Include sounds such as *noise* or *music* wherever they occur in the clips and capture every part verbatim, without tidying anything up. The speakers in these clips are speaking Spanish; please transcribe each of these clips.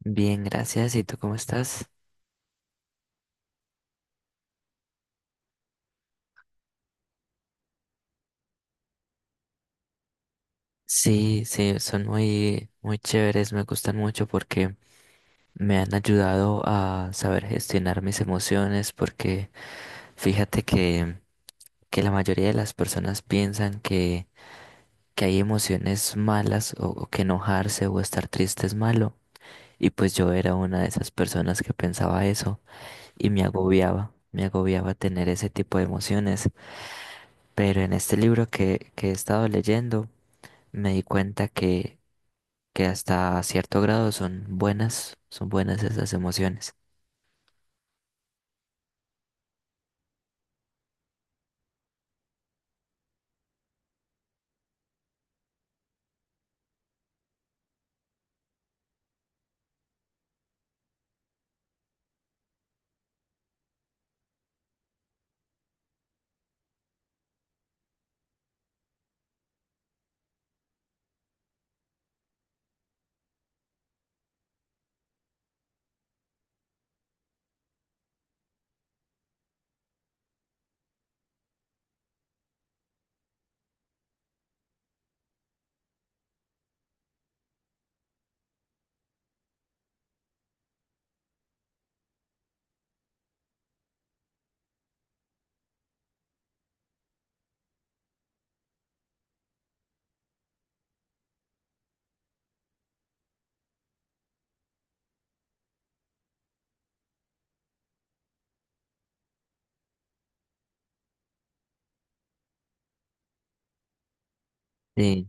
Bien, gracias. ¿Y tú cómo estás? Sí, sí, son muy, muy chéveres, me gustan mucho porque me han ayudado a saber gestionar mis emociones, porque fíjate que, que la mayoría de las personas piensan que, que hay emociones malas o, o que enojarse o estar triste es malo. Y pues yo era una de esas personas que pensaba eso y me agobiaba, me agobiaba tener ese tipo de emociones. Pero en este libro que, que he estado leyendo, me di cuenta que, que hasta cierto grado son buenas, son buenas esas emociones. Sí,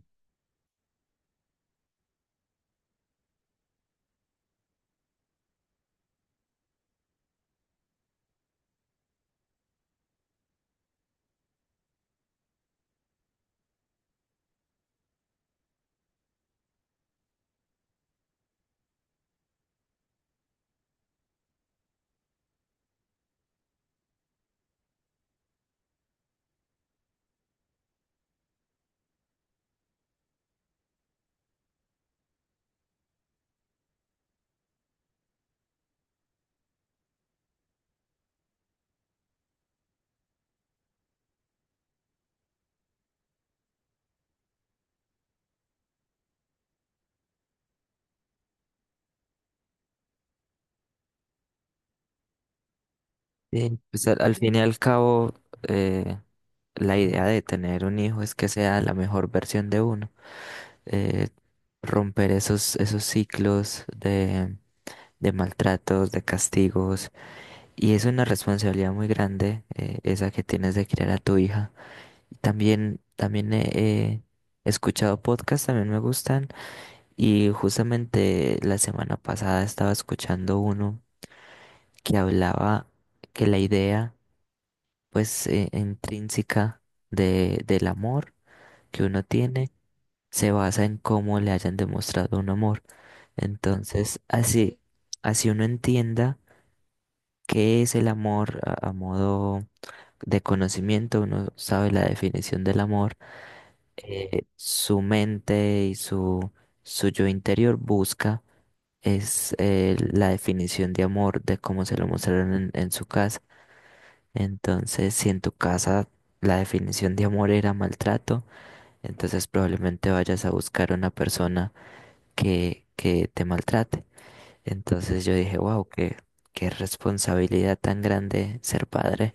sí, pues al, al fin y al cabo, eh, la idea de tener un hijo es que sea la mejor versión de uno. Eh, Romper esos, esos ciclos de, de maltratos, de castigos. Y es una responsabilidad muy grande, eh, esa que tienes de criar a tu hija. También, también he he escuchado podcasts, también me gustan. Y justamente la semana pasada estaba escuchando uno que hablaba que la idea, pues, eh, intrínseca de, del amor que uno tiene se basa en cómo le hayan demostrado un amor. Entonces, así, así uno entienda. ¿Qué es el amor a, a modo de conocimiento? Uno sabe la definición del amor. Eh, su mente y su, su yo interior busca es eh, la definición de amor de cómo se lo mostraron en, en su casa. Entonces, si en tu casa la definición de amor era maltrato, entonces probablemente vayas a buscar una persona que, que te maltrate. Entonces yo dije, wow, qué, qué responsabilidad tan grande ser padre.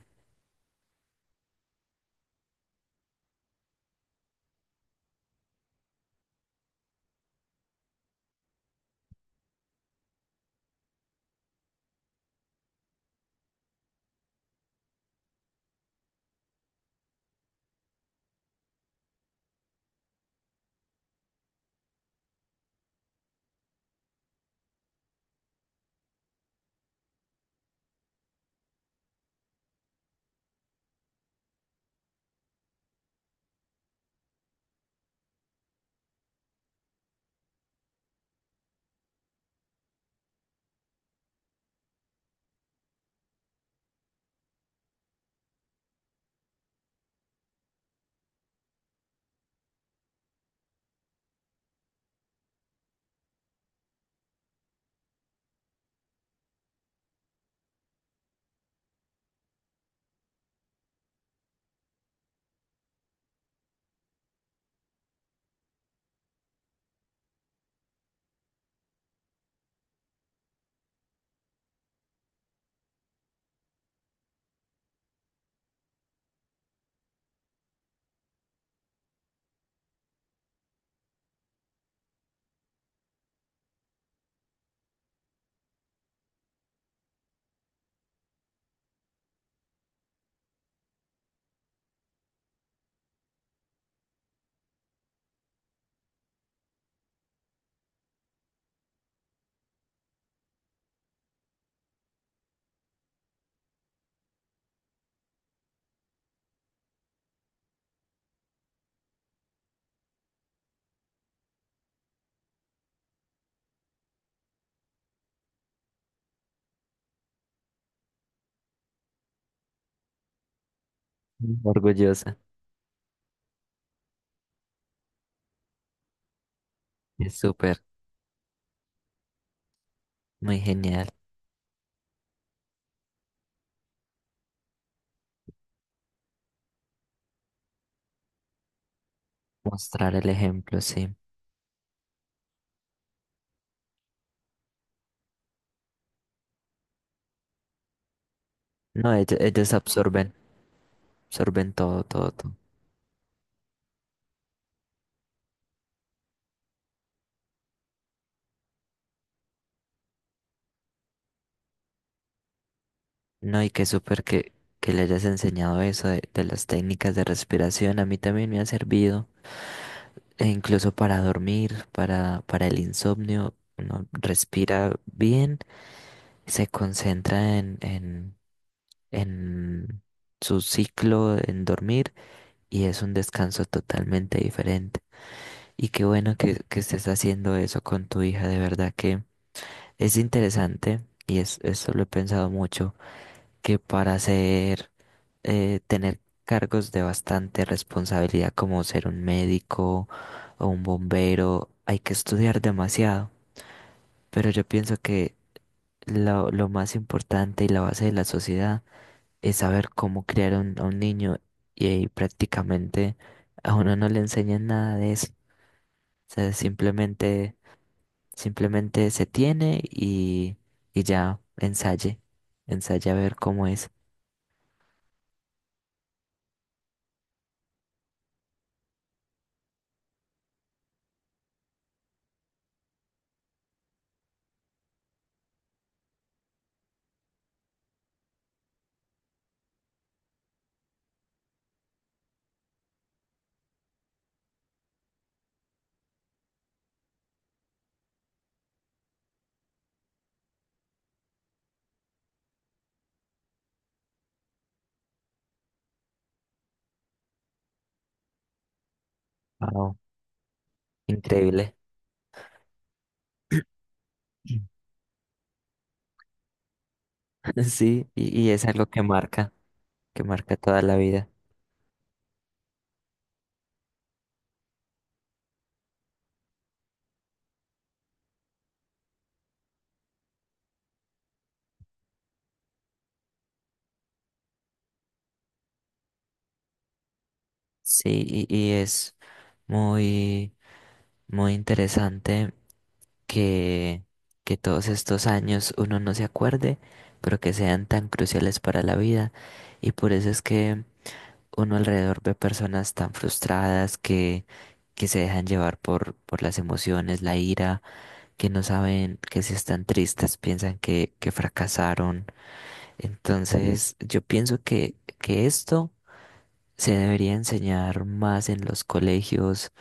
Mm. Orgullosa. Es súper, muy genial. Mostrar el ejemplo, sí. No, ellos, ellos absorben, absorben todo, todo, todo. No, y qué súper que, que le hayas enseñado eso de, de las técnicas de respiración. A mí también me ha servido, e incluso para dormir, para, para el insomnio. Uno respira bien, se concentra en en en su ciclo, en dormir, y es un descanso totalmente diferente. Y qué bueno que, que estés haciendo eso con tu hija, de verdad que es interesante, y es, eso lo he pensado mucho, que para ser, eh, tener cargos de bastante responsabilidad como ser un médico o un bombero, hay que estudiar demasiado, pero yo pienso que lo, lo más importante y la base de la sociedad es saber cómo criar a un, a un niño y, ahí prácticamente a uno no le enseñan nada de eso. O sea, simplemente, simplemente se tiene y, y ya ensaye, ensaye a ver cómo es. Wow, increíble. *clears throat* *laughs* Sí, y, y es algo que marca, que marca toda la vida. Sí, y, y es muy, muy interesante que, que todos estos años uno no se acuerde, pero que sean tan cruciales para la vida. Y por eso es que uno alrededor ve personas tan frustradas que, que se dejan llevar por, por las emociones, la ira, que no saben que si están tristes, piensan que, que fracasaron. Entonces, yo pienso que, que esto se debería enseñar más en los colegios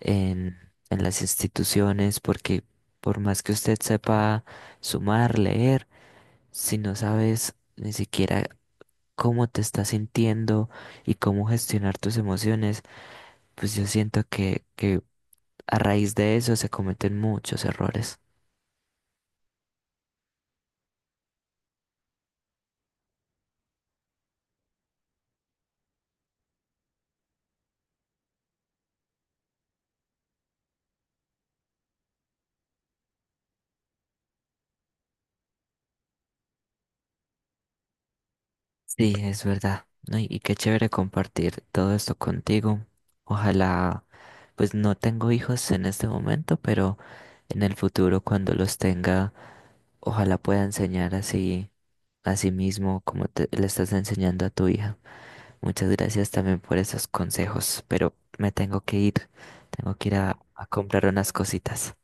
en, en las instituciones, porque por más que usted sepa sumar, leer, si no sabes ni siquiera cómo te estás sintiendo y cómo gestionar tus emociones, pues yo siento que, que a raíz de eso se cometen muchos errores. Sí, es verdad, ¿no? Y y qué chévere compartir todo esto contigo. Ojalá, pues no tengo hijos en este momento, pero en el futuro cuando los tenga, ojalá pueda enseñar así. Asimismo, como te, le estás enseñando a tu hija. Muchas gracias también por esos consejos, pero me tengo que ir. Tengo que ir a, a comprar unas cositas.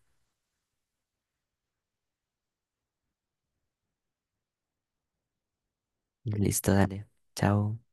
Listo, dale. Chao.